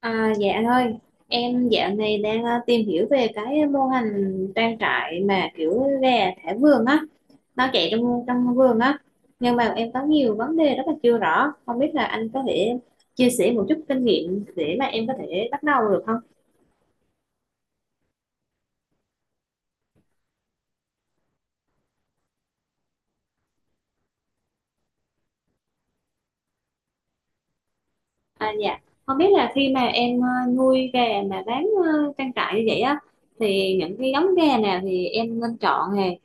À, dạ thôi Em dạo này đang tìm hiểu về cái mô hình trang trại mà kiểu gà thả vườn á, nó chạy trong trong vườn á, nhưng mà em có nhiều vấn đề rất là chưa rõ, không biết là anh có thể chia sẻ một chút kinh nghiệm để mà em có thể bắt đầu được không? À dạ, không biết là khi mà em nuôi gà mà bán trang trại như vậy á, thì những cái giống gà nào thì em nên chọn nè?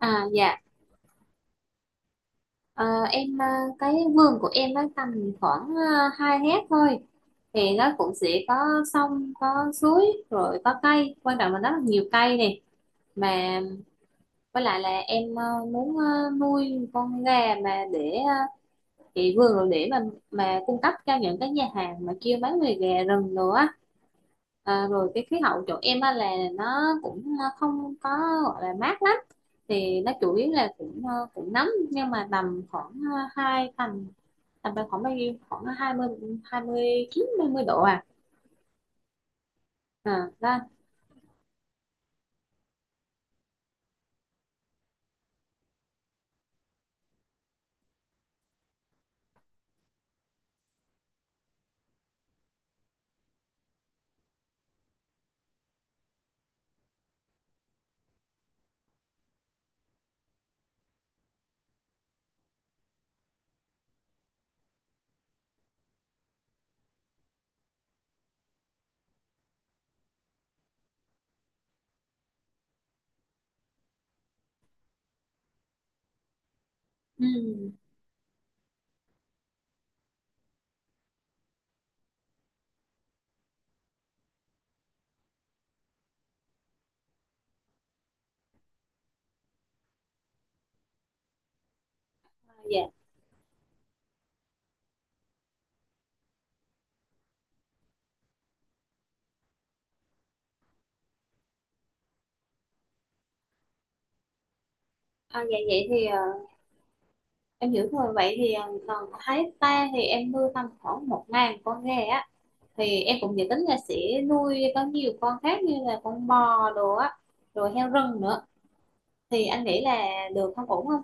À dạ. Ờ, em cái vườn của em nó tầm khoảng 2 hecta thôi, thì nó cũng sẽ có sông có suối, rồi có cây, quan trọng là nó là nhiều cây này mà. Với lại là em muốn nuôi con gà mà để chị vườn rồi để mà cung cấp cho những cái nhà hàng mà kêu bán về gà rừng nữa á. À, rồi cái khí hậu chỗ em á là nó cũng không có gọi là mát lắm, thì nó chủ yếu là cũng cũng nóng, nhưng mà tầm khoảng ờ, hai tầm tầm khoảng bao nhiêu, khoảng hai mươi chín 29 mươi độ à, à đó. Ừ, à, dạ. À, dạ vậy thì em hiểu rồi. Vậy thì còn Thái ta thì em nuôi tầm khoảng một ngàn con gà á, thì em cũng dự tính là sẽ nuôi có nhiều con khác như là con bò đồ á, rồi heo rừng nữa, thì anh nghĩ là được không, ổn không?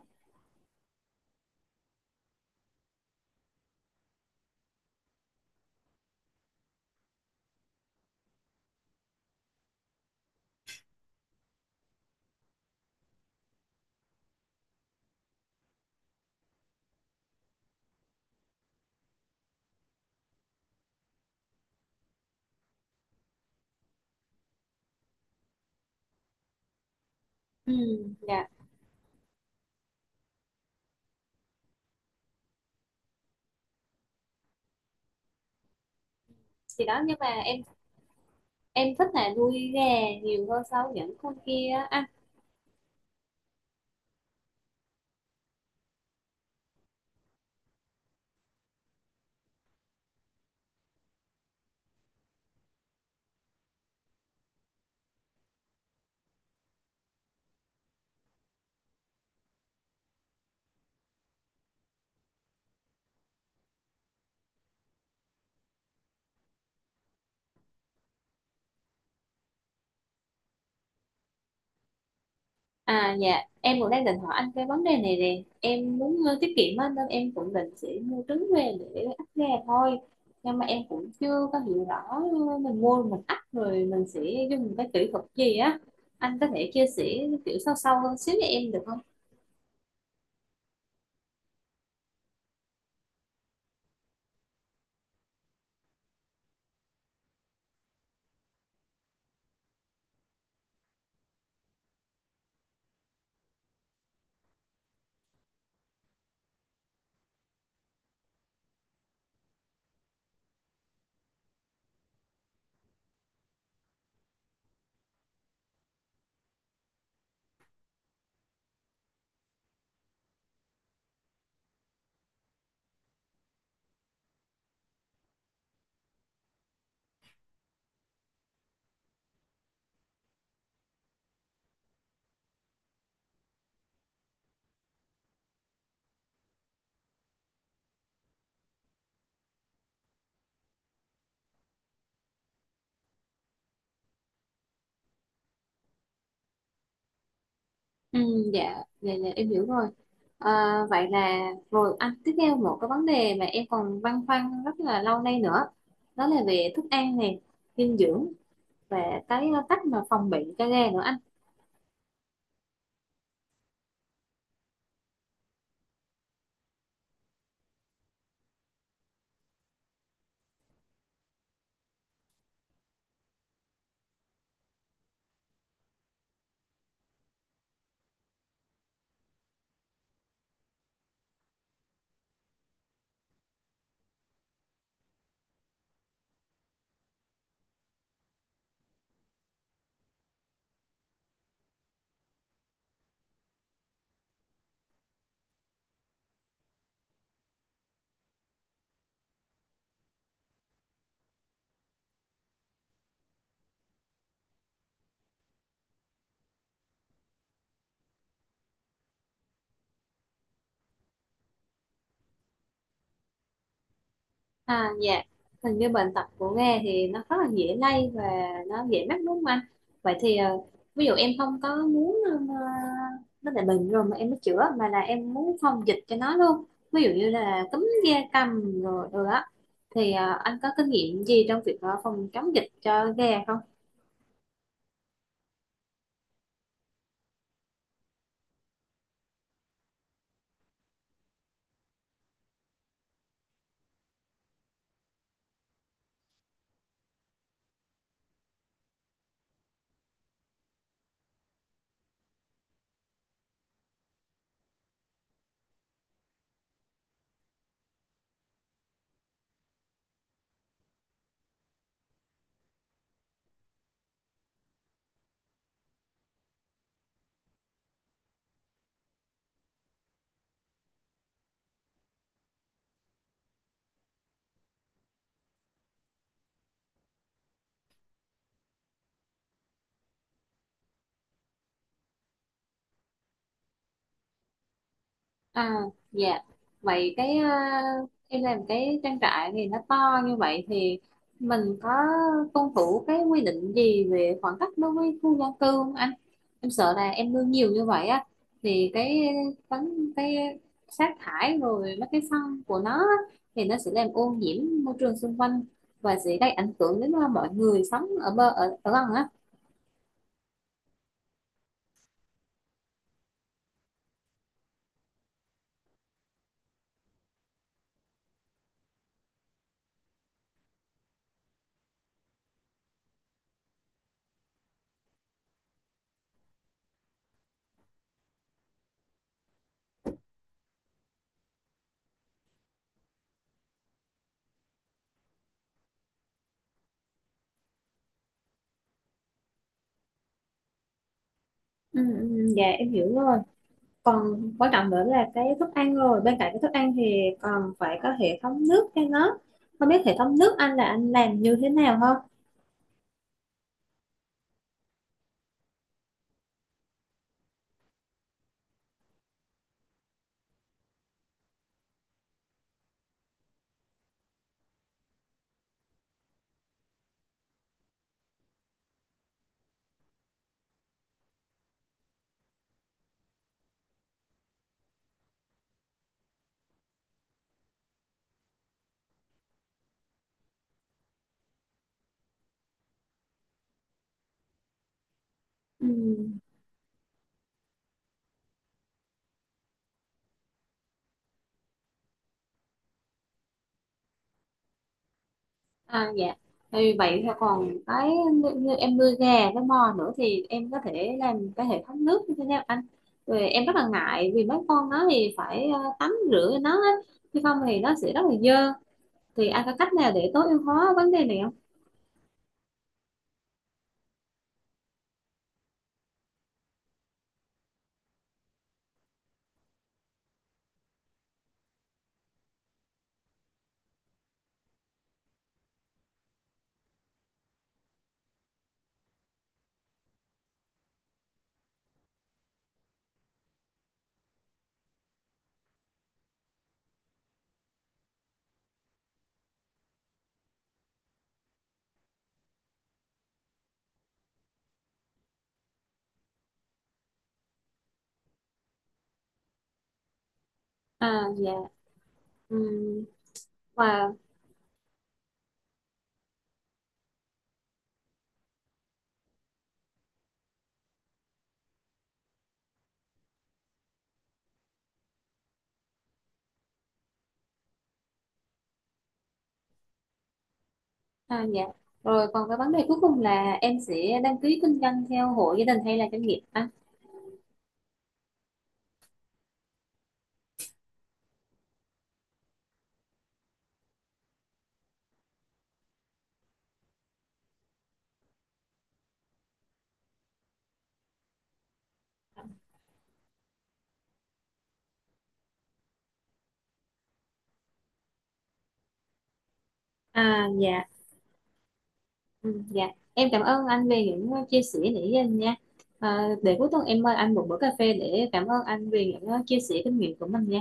Ừ, dạ. thì đó nhưng mà em thích là nuôi gà nhiều hơn so với những con kia á. À. À dạ, em cũng đang định hỏi anh cái vấn đề này nè. Em muốn tiết kiệm á, nên em cũng định sẽ mua trứng về để ấp gà thôi. Nhưng mà em cũng chưa có hiểu rõ, mình mua mình ấp rồi mình sẽ dùng cái kỹ thuật gì á. Anh có thể chia sẻ kiểu sâu sâu hơn xíu cho em được không? Ừ, dạ, dạ, dạ, em hiểu rồi. À, vậy là rồi anh, tiếp theo một cái vấn đề mà em còn băn khoăn rất là lâu nay nữa. Đó là về thức ăn này, dinh dưỡng, và cái cách mà phòng bị cho gà nữa anh. À dạ, hình như bệnh tật của Nga thì nó rất là dễ lây và nó dễ mắc đúng không anh? Vậy thì ví dụ em không có muốn nó là bệnh rồi mà em mới chữa, mà là em muốn phòng dịch cho nó luôn. Ví dụ như là cúm da cầm rồi rồi á, thì anh có kinh nghiệm gì trong việc phòng chống dịch cho gà không? À, dạ. Vậy em làm cái trang trại thì nó to như vậy, thì mình có tuân thủ cái quy định gì về khoảng cách đối với khu dân cư không anh? Em sợ là em nuôi nhiều như vậy á, thì cái sát thải rồi mấy cái phân của nó á, thì nó sẽ làm ô nhiễm môi trường xung quanh và sẽ gây ảnh hưởng đến mọi người sống ở ở gần á. Ừ, ừ, dạ em hiểu rồi. Còn quan trọng nữa là cái thức ăn, rồi bên cạnh cái thức ăn thì còn phải có hệ thống nước cho nó, không biết hệ thống nước anh là anh làm như thế nào không? Ừ. À dạ, thì vậy thì còn cái như em nuôi gà với bò nữa thì em có thể làm cái hệ thống nước như thế nào anh? Rồi em rất là ngại vì mấy con nó thì phải tắm rửa cho nó á, chứ không thì nó sẽ rất là dơ, thì anh có cách nào để tối ưu hóa vấn đề này không? À dạ. Ừm, và. À, dạ. Rồi còn cái vấn đề cuối cùng là em sẽ đăng ký kinh doanh theo hộ gia đình hay là doanh nghiệp anh? À, dạ. Ừ, dạ. Em cảm ơn anh về những chia sẻ nãy giờ nha. À, để cuối tuần em mời anh một bữa cà phê để cảm ơn anh về những chia sẻ kinh nghiệm của mình nha.